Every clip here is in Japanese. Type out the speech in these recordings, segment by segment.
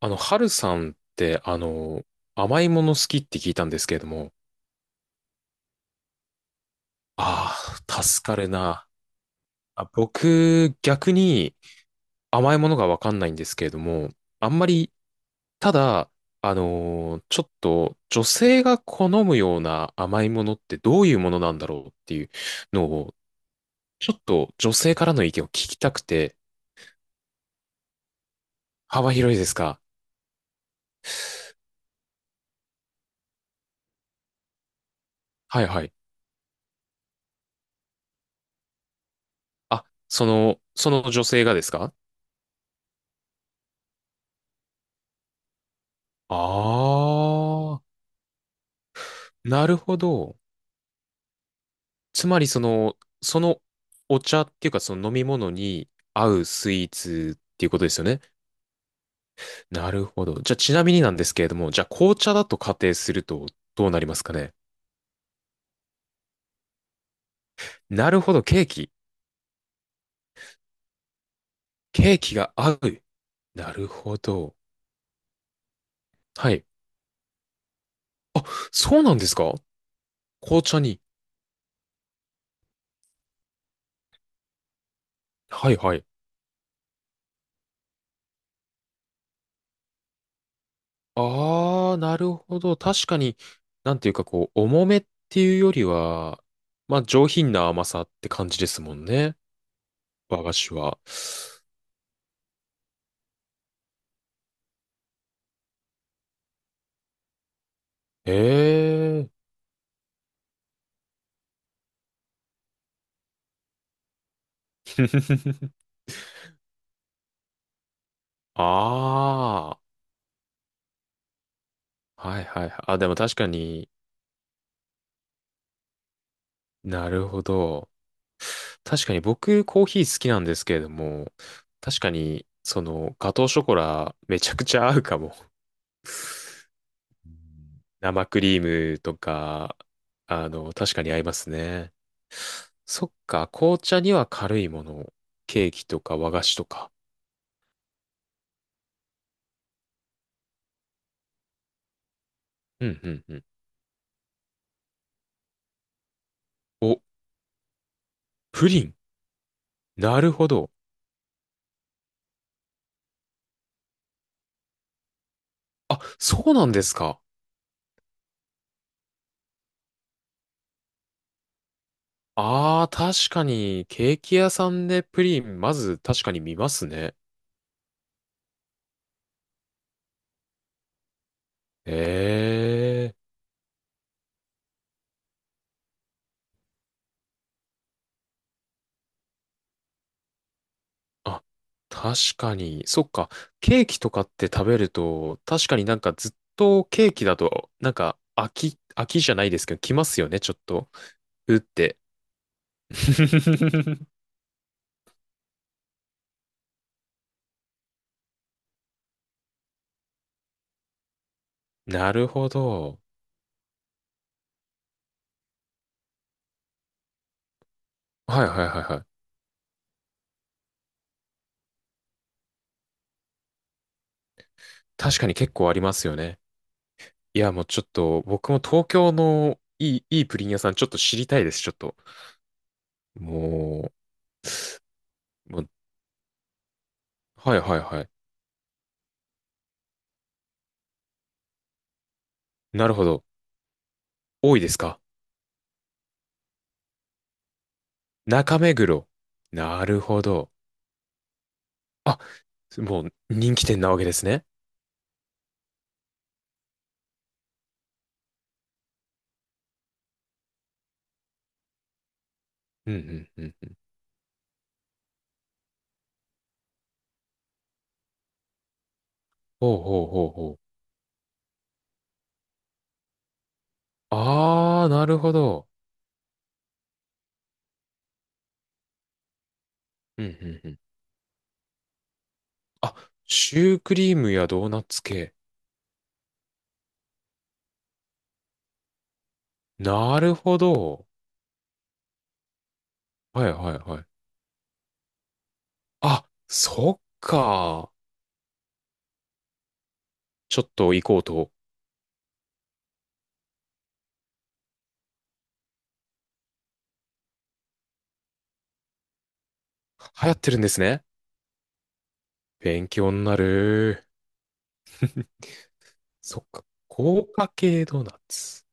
ハルさんって、甘いもの好きって聞いたんですけれども、ああ、助かるな。あ、僕、逆に甘いものがわかんないんですけれども、あんまり、ただ、ちょっと女性が好むような甘いものってどういうものなんだろうっていうのを、ちょっと女性からの意見を聞きたくて、幅広いですか？はいはい。あ、その女性がですか？ああー、なるほど。つまりその、そのお茶っていうかその飲み物に合うスイーツっていうことですよね。なるほど。じゃあちなみになんですけれども、じゃあ紅茶だと仮定するとどうなりますかね。なるほど、ケーキ。ケーキが合う。なるほど。はい。あ、そうなんですか？紅茶に。はいはい。あー、なるほど。確かに、なんていうかこう、重めっていうよりは、まあ上品な甘さって感じですもんね。和菓子は。ええー。 ああ、はいはいはい。あ、でも確かに、なるほど。確かに僕コーヒー好きなんですけれども、確かにそのガトーショコラめちゃくちゃ合うかも。うん、生クリームとか、確かに合いますね。そっか、紅茶には軽いもの。ケーキとか和菓子とか。うんうんうん。お、プリン。なるほど。あ、そうなんですか。ああ、確かに、ケーキ屋さんでプリン、まず確かに見ますね。ええ。あ、確かに。そっか。ケーキとかって食べると、確かになんかずっとケーキだと、なんか飽きじゃないですけど、来ますよね、ちょっと。うって。なるほど。はいはいはいはい。確かに結構ありますよね。いや、もうちょっと、僕も東京のいいプリン屋さんちょっと知りたいです、ちょっと。もう、もう、はいはいはい。なるほど。多いですか？中目黒。なるほど。あ、もう人気店なわけですね。うんうんうん。ほうほうほうほう。あー、なるほど。うんうんうん。あ、シュークリームやドーナツ系。なるほど。はいはいはい。あ、そっか。ちょっと行こうと。流行ってるんですね。勉強になる。そっか。高価系ドーナツ。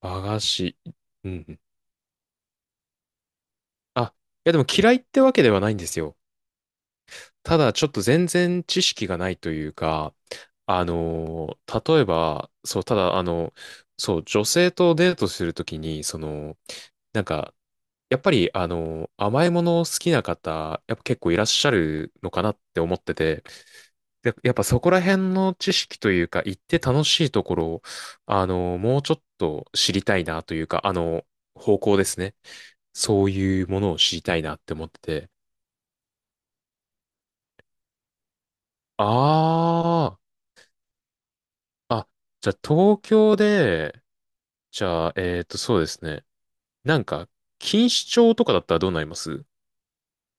和菓子。うんうん。あ、いやでも嫌いってわけではないんですよ。ただちょっと全然知識がないというか、あの例えば、そう、ただ、そう、女性とデートするときに、なんか、やっぱり、甘いもの好きな方、やっぱ結構いらっしゃるのかなって思ってて、で、やっぱそこら辺の知識というか、行って楽しいところを、もうちょっと知りたいなというか、方向ですね。そういうものを知りたいなって思ってて、ああ、あ、じゃあ東京で、じゃあ、そうですね。なんか、錦糸町とかだったらどうなります？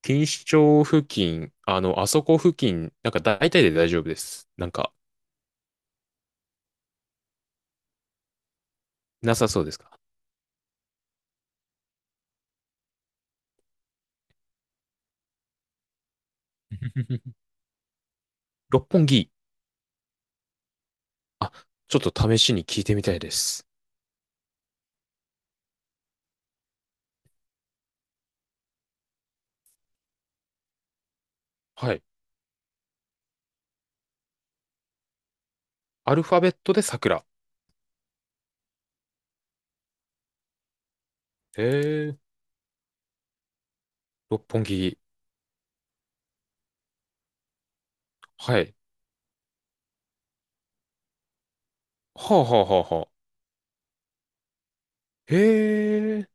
錦糸町付近、あそこ付近、なんか大体で大丈夫です。なんか、なさそうですか？ 六本木。あ、ちょっと試しに聞いてみたいです。はい。アルファベットで桜。へえ、六本木。はい。はあはあはあはあ。へえ、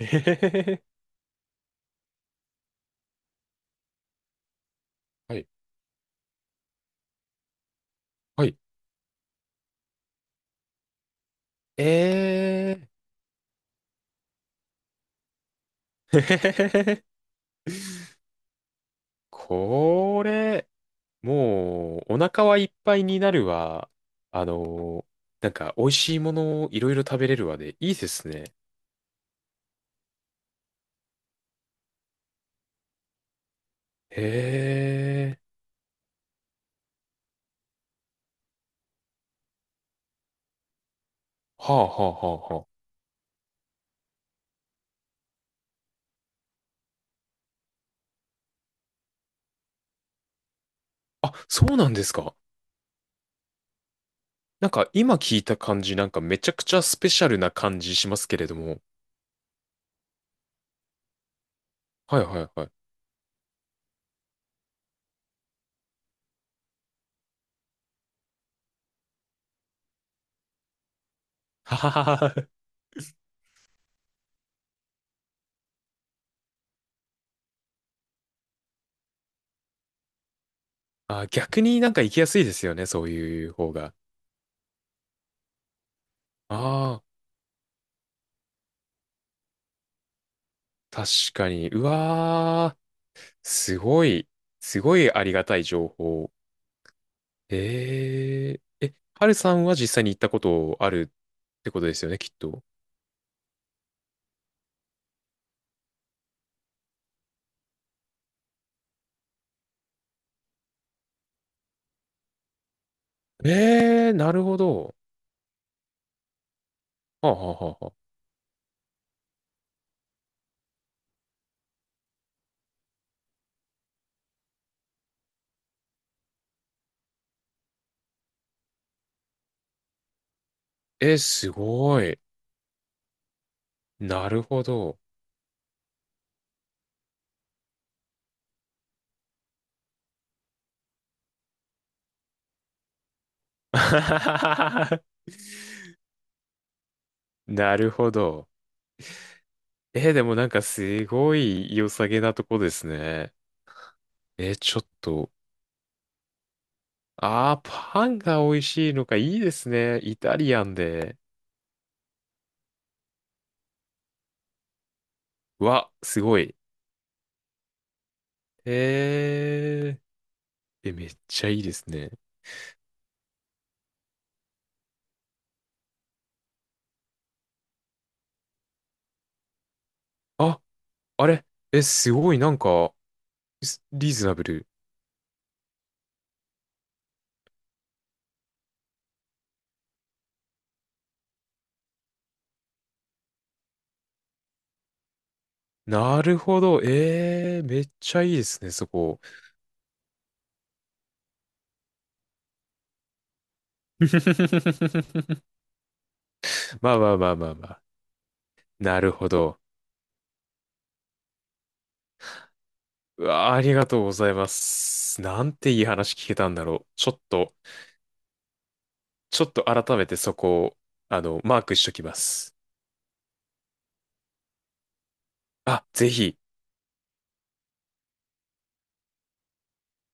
へへへへ。はい。はい。ええ、へへへへへ。これ、もう、お腹はいっぱいになるわ。あのなんか、美味しいものをいろいろ食べれるわで、いいですね。へえ。はあはあはあはあ。あ、そうなんですか。なんか、今聞いた感じ、なんかめちゃくちゃスペシャルな感じしますけれども。はいはいはい。はははは。あ、逆になんか行きやすいですよね、そういう方が。ああ、確かに。うわー、すごい、すごいありがたい情報。えええ、ハルさんは実際に行ったことあるってことですよね、きっと。ええ、なるほど。はあ、はあはあはあ、えすごい。なるほど。なるほど。え、でもなんかすごい良さげなとこですね。えちょっと。ああ、パンが美味しいのか、いいですね。イタリアンで。うわ、すごい。えめっちゃいいですね。あ、あれえ、すごい、なんか、スリーズナブル。なるほど。ええー、めっちゃいいですね、そこ。まあまあまあまあまあ。なるほど。うわあ、ありがとうございます。なんていい話聞けたんだろう。ちょっと、改めてそこを、マークしときます。あ、ぜひ。